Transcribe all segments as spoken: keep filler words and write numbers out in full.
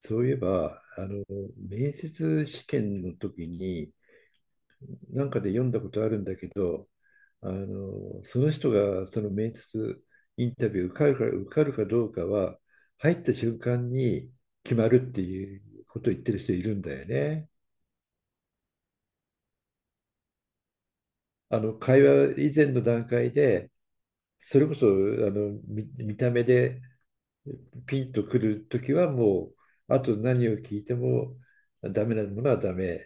そういえば、あの、面接試験の時に、なんかで読んだことあるんだけど、あの、その人がその面接インタビュー受かるか、受かるかどうかは、入った瞬間に決まるっていうことを言ってる人いるんだよね。あの、会話以前の段階で、それこそ、あの、見、見た目でピンとくる時はもう、あと何を聞いてもダメなものはダメ。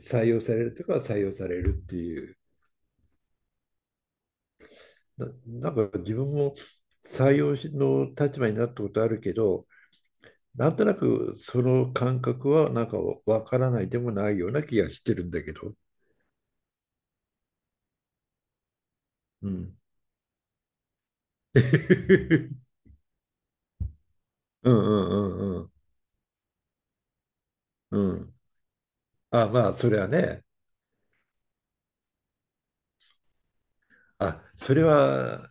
採用されるとか採用されるっていうな、なんか自分も採用の立場になったことあるけど、なんとなくその感覚はなんかわからないでもないような気がしてるんだけど。うん。うんうんうんうん。うん。あ、まあ、それはね。あ、それは、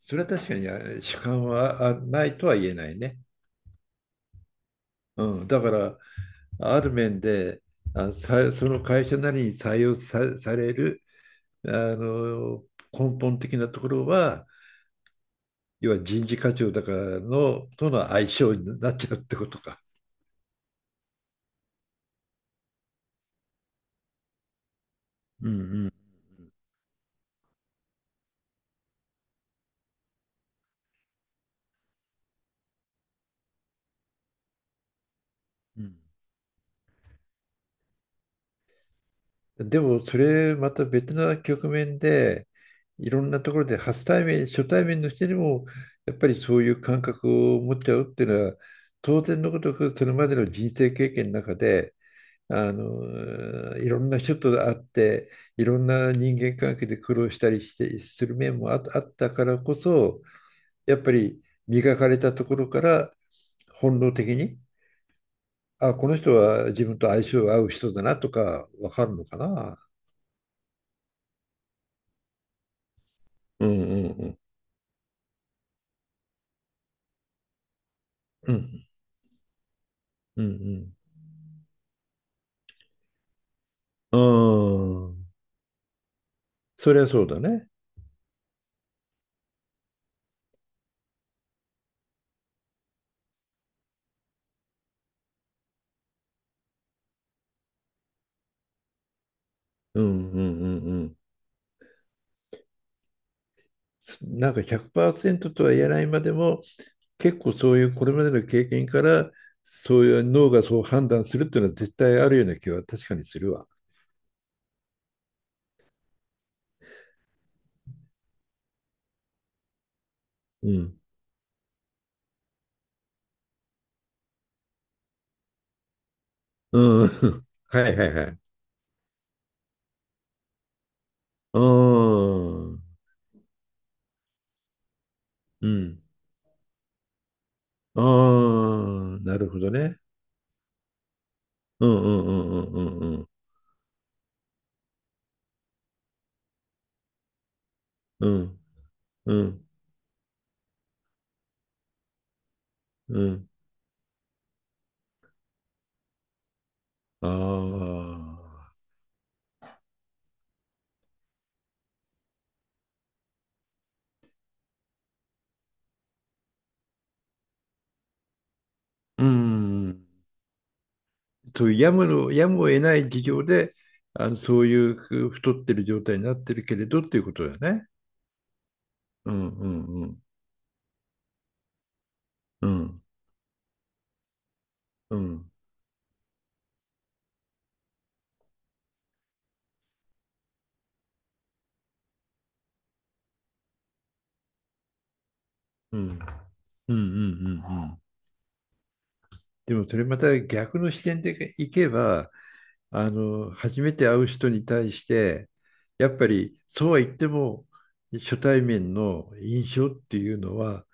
それは確かにあ主観はあないとは言えないね。うん。だから、ある面で、あ、さその会社なりに採用さ、されるあの根本的なところは、要は人事課長だからのとの相性になっちゃうってことか。うんうんうん。でもそれまた別な局面で、いろんなところで初対面初対面の人にもやっぱりそういう感覚を持っちゃうっていうのは、当然のことくそれまでの人生経験の中で、あのいろんな人と会って、いろんな人間関係で苦労したりしてする面もあったからこそ、やっぱり磨かれたところから本能的に、あ、この人は自分と相性合う人だなとかわかるのかな。うんうんうん。うん、うん、うん。うん、そりゃそうだね。うんうんうんうん。なんかひゃくパーセントとは言えないまでも、結構そういうこれまでの経験から、そういう脳がそう判断するっていうのは絶対あるような気は確かにするわ。うん。うん。はいはいはい。うん。うん。ああ、なるほどね。うんうんうんうんうんうんうんうんうん。ああ。うん。そういうやむの、やむを得ない事情で、あの、そういうふ太ってる状態になってるけれどっていうことだね。うんうんうんうんうんうんうんうんうんうんうん。でもそれまた逆の視点でいけば、あの初めて会う人に対して、やっぱりそうは言っても、初対面の印象っていうのは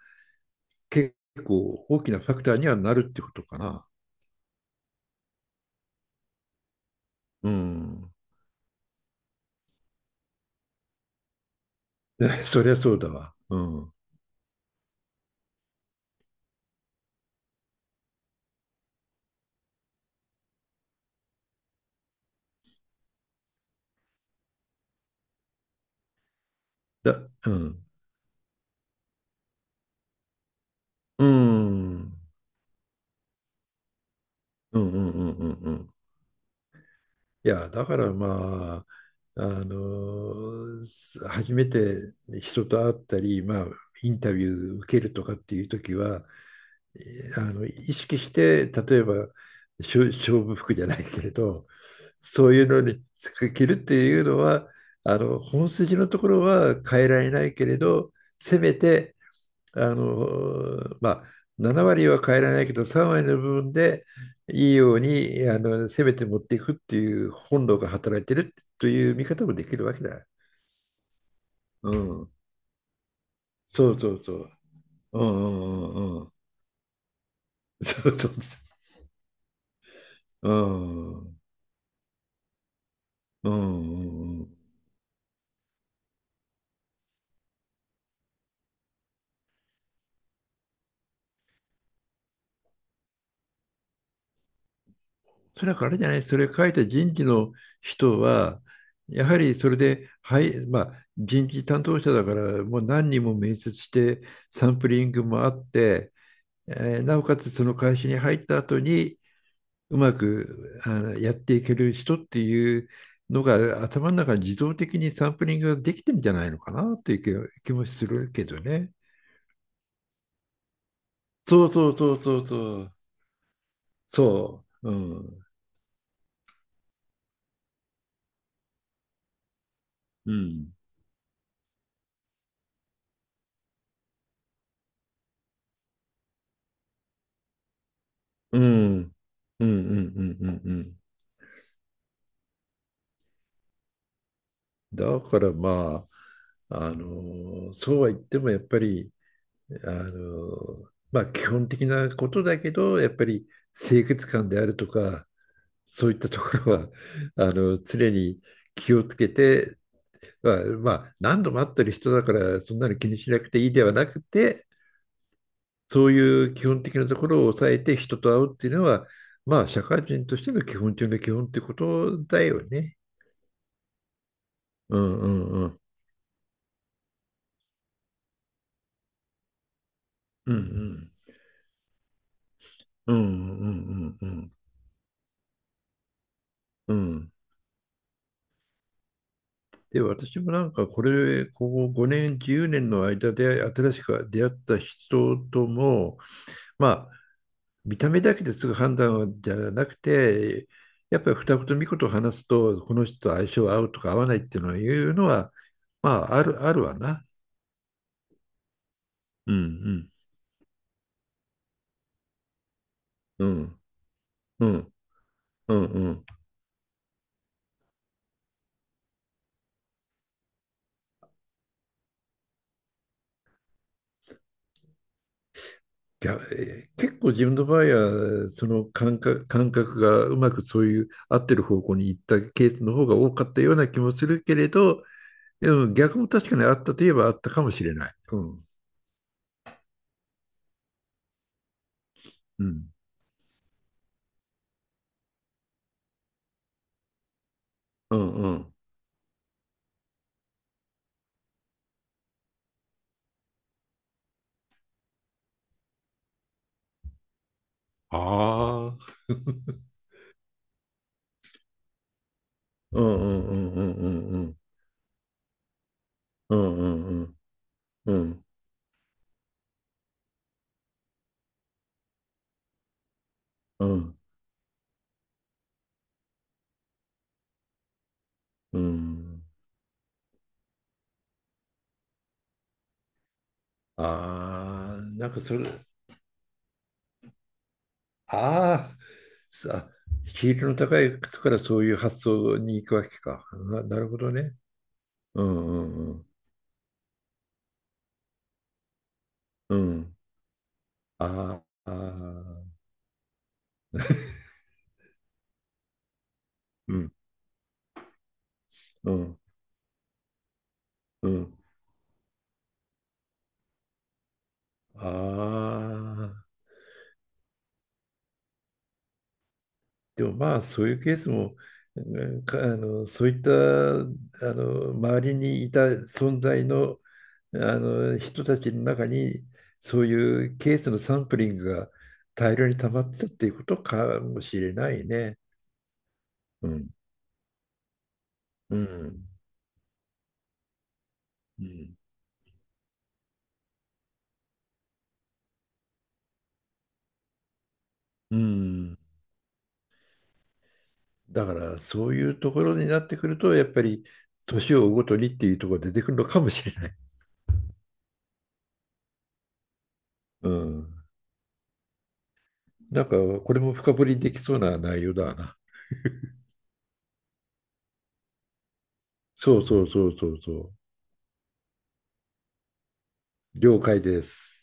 結構大きなファクターにはなるってことかな。うん。そりゃそうだわ。うん。だ、うん。うん。うんうんうんうんうん。いや、だからまあ、あの初めて人と会ったり、まあ、インタビュー受けるとかっていう時は、あの意識して、例えば勝勝負服じゃないけれど、そういうのに着るっていうのは、あの本筋のところは変えられないけれど、せめてあの、まあ、なな割は変えられないけど、さん割の部分でいいように、あのせめて持っていくっていう本能が働いてるという見方もできるわけだ。うん、そうそうそう。うんうんうんうん。そうそうそう。うんうんうんうん。それはあれじゃない、それ書いた人事の人は、やはりそれで、はい、まあ、人事担当者だから、もう何人も面接して、サンプリングもあって、えーなおかつその会社に入った後に、うまくあのやっていける人っていうのが、頭の中に自動的にサンプリングができてるんじゃないのかなっていう気気もするけどね。そうそうそうそうそう。そう。うん。うん。うん。うんうんうんうんうん。だからまあ、あの、そうは言ってもやっぱり、あの、まあ基本的なことだけど、やっぱり清潔感であるとか、そういったところは、あの、常に気をつけて、まあ、まあ何度も会ってる人だから、そんなの気にしなくていいではなくて、そういう基本的なところを抑えて人と会うっていうのは、まあ社会人としての基本中の基本ってことだよね。うんうんうん。うんうん。うんうんうんうんうん。うん。で、私もなんかこれ、ここごねん、じゅうねんの間で新しく出会った人とも、まあ、見た目だけですぐ判断じゃなくて、やっぱり二言三言と話すと、この人と相性合うとか合わないっていうのはいうのは、まあ、ある、あるわな。うんうん。うんうんうんうん。いや、えー結構自分の場合は、その感覚、感覚がうまくそういう合ってる方向に行ったケースの方が多かったような気もするけれど、でも逆も確かにあったといえばあったかもしれない。うん。うん。うんうん。ああ、うんうんうんうんうんうんうんうんうんうんうん、ああーなんかそれ、ああさヒールの高い靴からそういう発想に行くわけかな、なるほどね。うんうんうんうん、あーあー、うんうんうん、ああ、でもまあそういうケースも、うんかあのそういったあの周りにいた存在の、あの人たちの中にそういうケースのサンプリングが大量に溜まってたっていうことかもしれないね。うん。うん。うん。うん。だからそういうところになってくるとやっぱり、年を追うごとにっていうところが出てくるのかもしれない。うん。なんかこれも深掘りできそうな内容だな。そうそうそうそうそう。了解です。